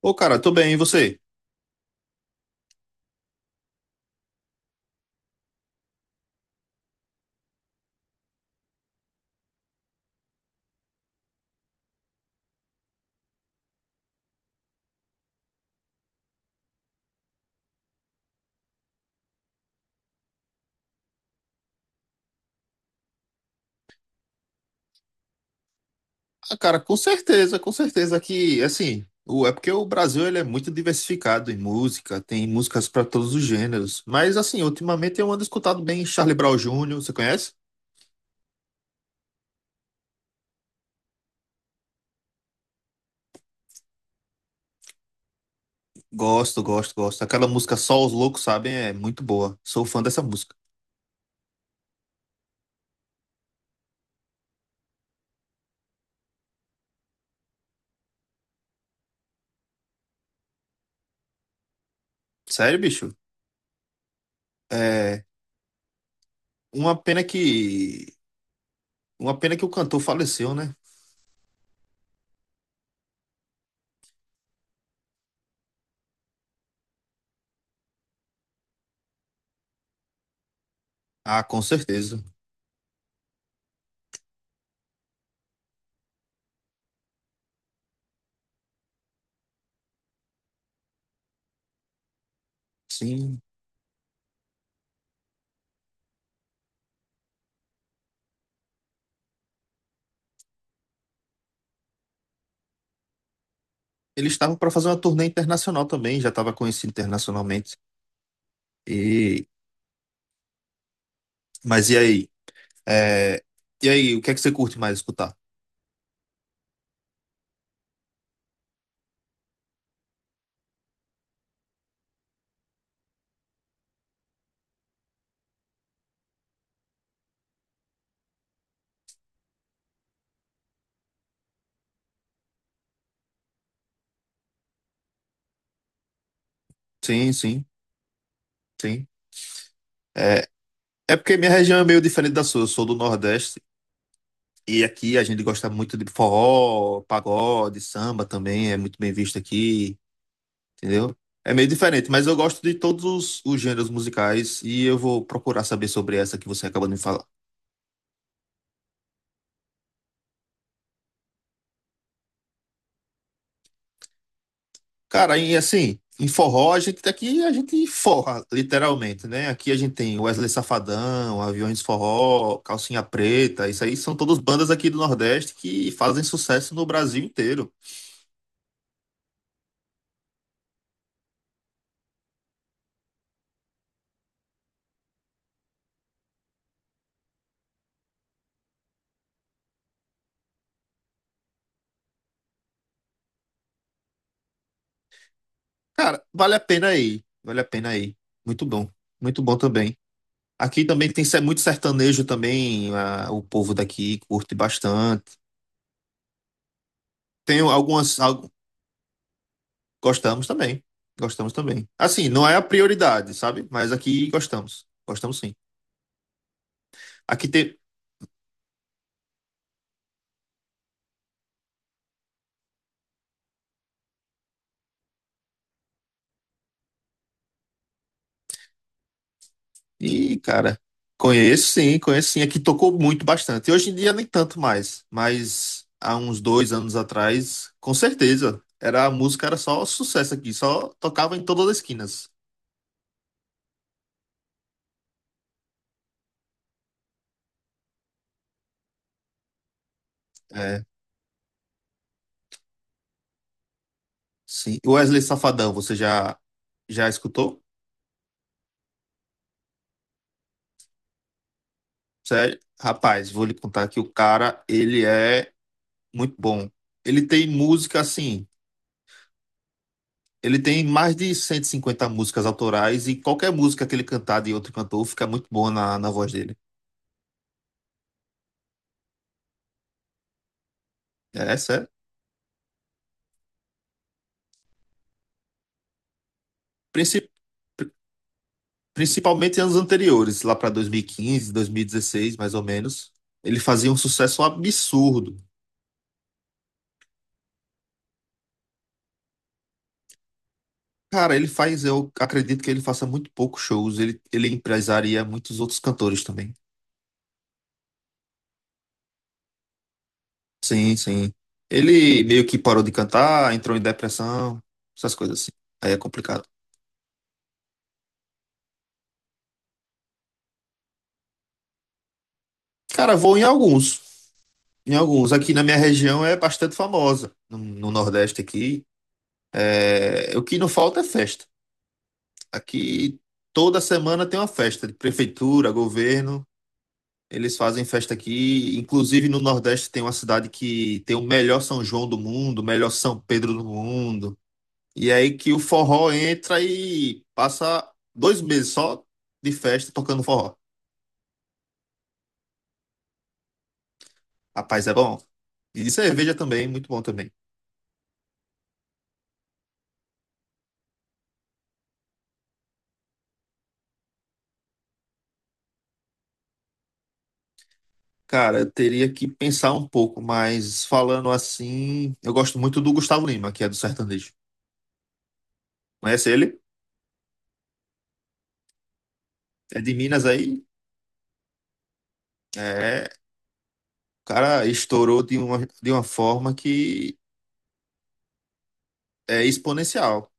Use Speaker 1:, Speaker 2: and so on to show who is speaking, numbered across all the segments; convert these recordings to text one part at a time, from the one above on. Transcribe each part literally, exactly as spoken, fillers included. Speaker 1: Ô, cara, tô bem, e você? Ah, cara, com certeza, com certeza que, assim, o, é porque o Brasil ele é muito diversificado em música, tem músicas pra todos os gêneros. Mas, assim, ultimamente eu ando escutado bem Charlie Brown Júnior. Você conhece? Gosto, gosto, gosto. Aquela música Só os Loucos Sabem é muito boa. Sou fã dessa música. Sério, bicho? É, uma pena que, uma pena que o cantor faleceu, né? Ah, com certeza. Sim. Eles estavam pra fazer uma turnê internacional também, já tava conhecido internacionalmente. E, mas e aí? É, e aí, o que é que você curte mais escutar? Sim, sim, sim. É, é porque minha região é meio diferente da sua. Eu sou do Nordeste e aqui a gente gosta muito de forró, pagode, samba também. É muito bem visto aqui, entendeu? É meio diferente, mas eu gosto de todos os, os gêneros musicais e eu vou procurar saber sobre essa que você acabou de me falar. Cara, e assim, em forró, a gente aqui a gente forra, literalmente, né? Aqui a gente tem Wesley Safadão, Aviões Forró, Calcinha Preta, isso aí são todas bandas aqui do Nordeste que fazem sucesso no Brasil inteiro. Cara, vale a pena aí, vale a pena aí. Muito bom, muito bom também. Aqui também tem ser- muito sertanejo também, ah, o povo daqui curte bastante. Tem algumas, algu- gostamos também, gostamos também. Assim, não é a prioridade, sabe? Mas aqui gostamos, gostamos sim. Aqui tem, e, cara, conheço sim, conheço sim. É que tocou muito bastante. Hoje em dia nem tanto mais, mas há uns dois anos atrás, com certeza. Era a música, era só sucesso aqui, só tocava em todas as esquinas. É, sim. O Wesley Safadão, você já já escutou? Sério? Rapaz, vou lhe contar que o cara, ele é muito bom. Ele tem música assim, ele tem mais de cento e cinquenta músicas autorais e qualquer música que ele cantar de outro cantor fica muito boa na, na voz dele. É, sério. princip- Principalmente em anos anteriores, lá para dois mil e quinze, dois mil e dezesseis, mais ou menos, ele fazia um sucesso absurdo. Cara, ele faz, eu acredito que ele faça muito poucos shows, ele, ele empresaria muitos outros cantores também. Sim, sim. Ele meio que parou de cantar, entrou em depressão, essas coisas assim. Aí é complicado. Cara, vou em alguns. Em alguns. Aqui na minha região é bastante famosa. No, no Nordeste aqui. É, o que não falta é festa. Aqui toda semana tem uma festa de prefeitura, governo. Eles fazem festa aqui. Inclusive no Nordeste tem uma cidade que tem o melhor São João do mundo, o melhor São Pedro do mundo. E é aí que o forró entra e passa dois meses só de festa tocando forró. Rapaz, é bom. E de cerveja também, muito bom também. Cara, eu teria que pensar um pouco, mas falando assim, eu gosto muito do Gustavo Lima, que é do sertanejo. Conhece ele? É de Minas aí? É. Cara estourou de uma, de uma forma que é exponencial.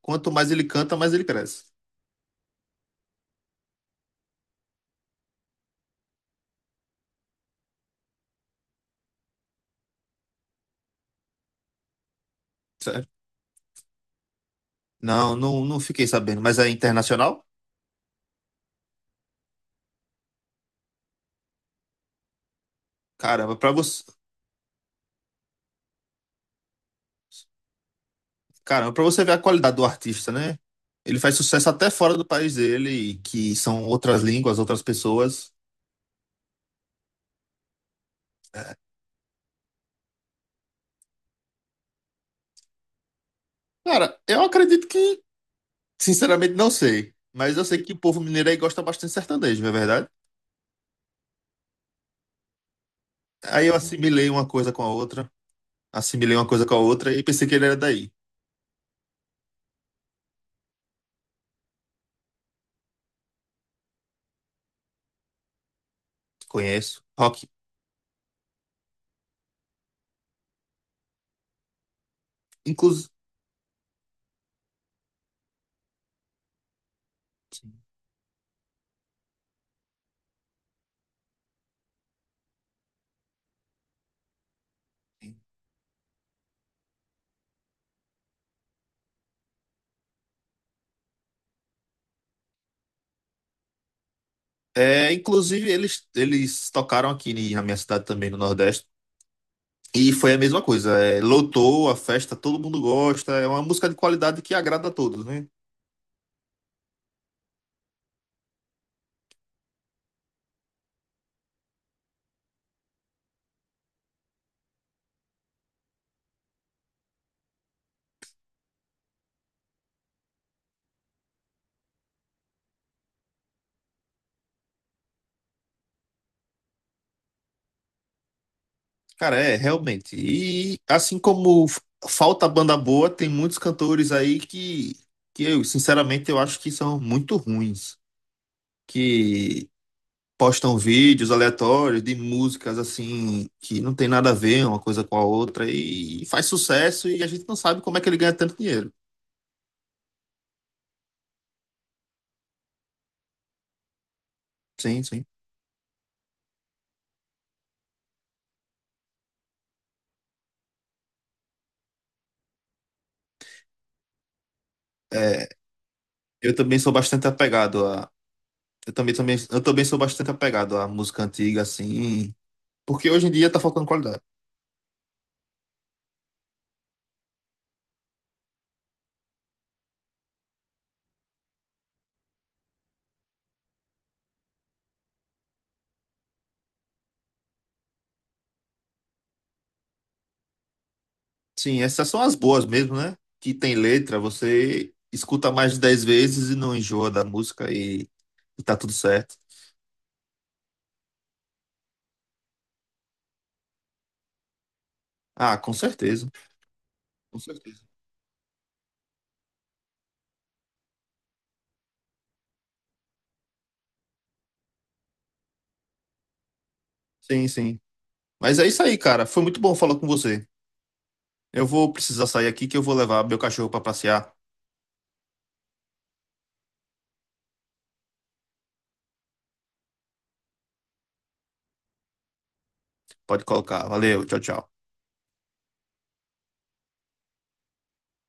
Speaker 1: Quanto mais ele canta, mais ele cresce. Certo? Não, não, não fiquei sabendo, mas é internacional? Caramba, pra você, caramba, para você ver a qualidade do artista, né? Ele faz sucesso até fora do país dele, que são outras línguas, outras pessoas. Cara, eu acredito que, sinceramente, não sei. Mas eu sei que o povo mineiro aí gosta bastante de sertanejo, não é verdade? Aí eu assimilei uma coisa com a outra, assimilei uma coisa com a outra e pensei que ele era daí. Conheço. Inclus... é, inclusive, eles, eles tocaram aqui em- na minha cidade também, no Nordeste. E foi a mesma coisa. É, lotou a festa, todo mundo gosta. É uma música de qualidade que agrada a todos, né? Cara, é, realmente. E assim como f- falta banda boa, tem muitos cantores aí que, que eu, sinceramente, eu acho que são muito ruins. Que postam vídeos aleatórios de músicas assim que não tem nada a ver uma coisa com a outra e faz sucesso e a gente não sabe como é que ele ganha tanto dinheiro. Sim, sim. É, eu também sou bastante apegado a eu também, também eu também sou bastante apegado à música antiga assim, porque hoje em dia tá faltando qualidade. Sim, essas são as boas mesmo, né? Que tem letra, você escuta mais de dez vezes e não enjoa da música e, e tá tudo certo. Ah, com certeza. Com certeza. Sim, sim. Mas é isso aí, cara. Foi muito bom falar com você. Eu vou precisar sair aqui que eu vou levar meu cachorro para passear. Pode colocar. Valeu, tchau, tchau.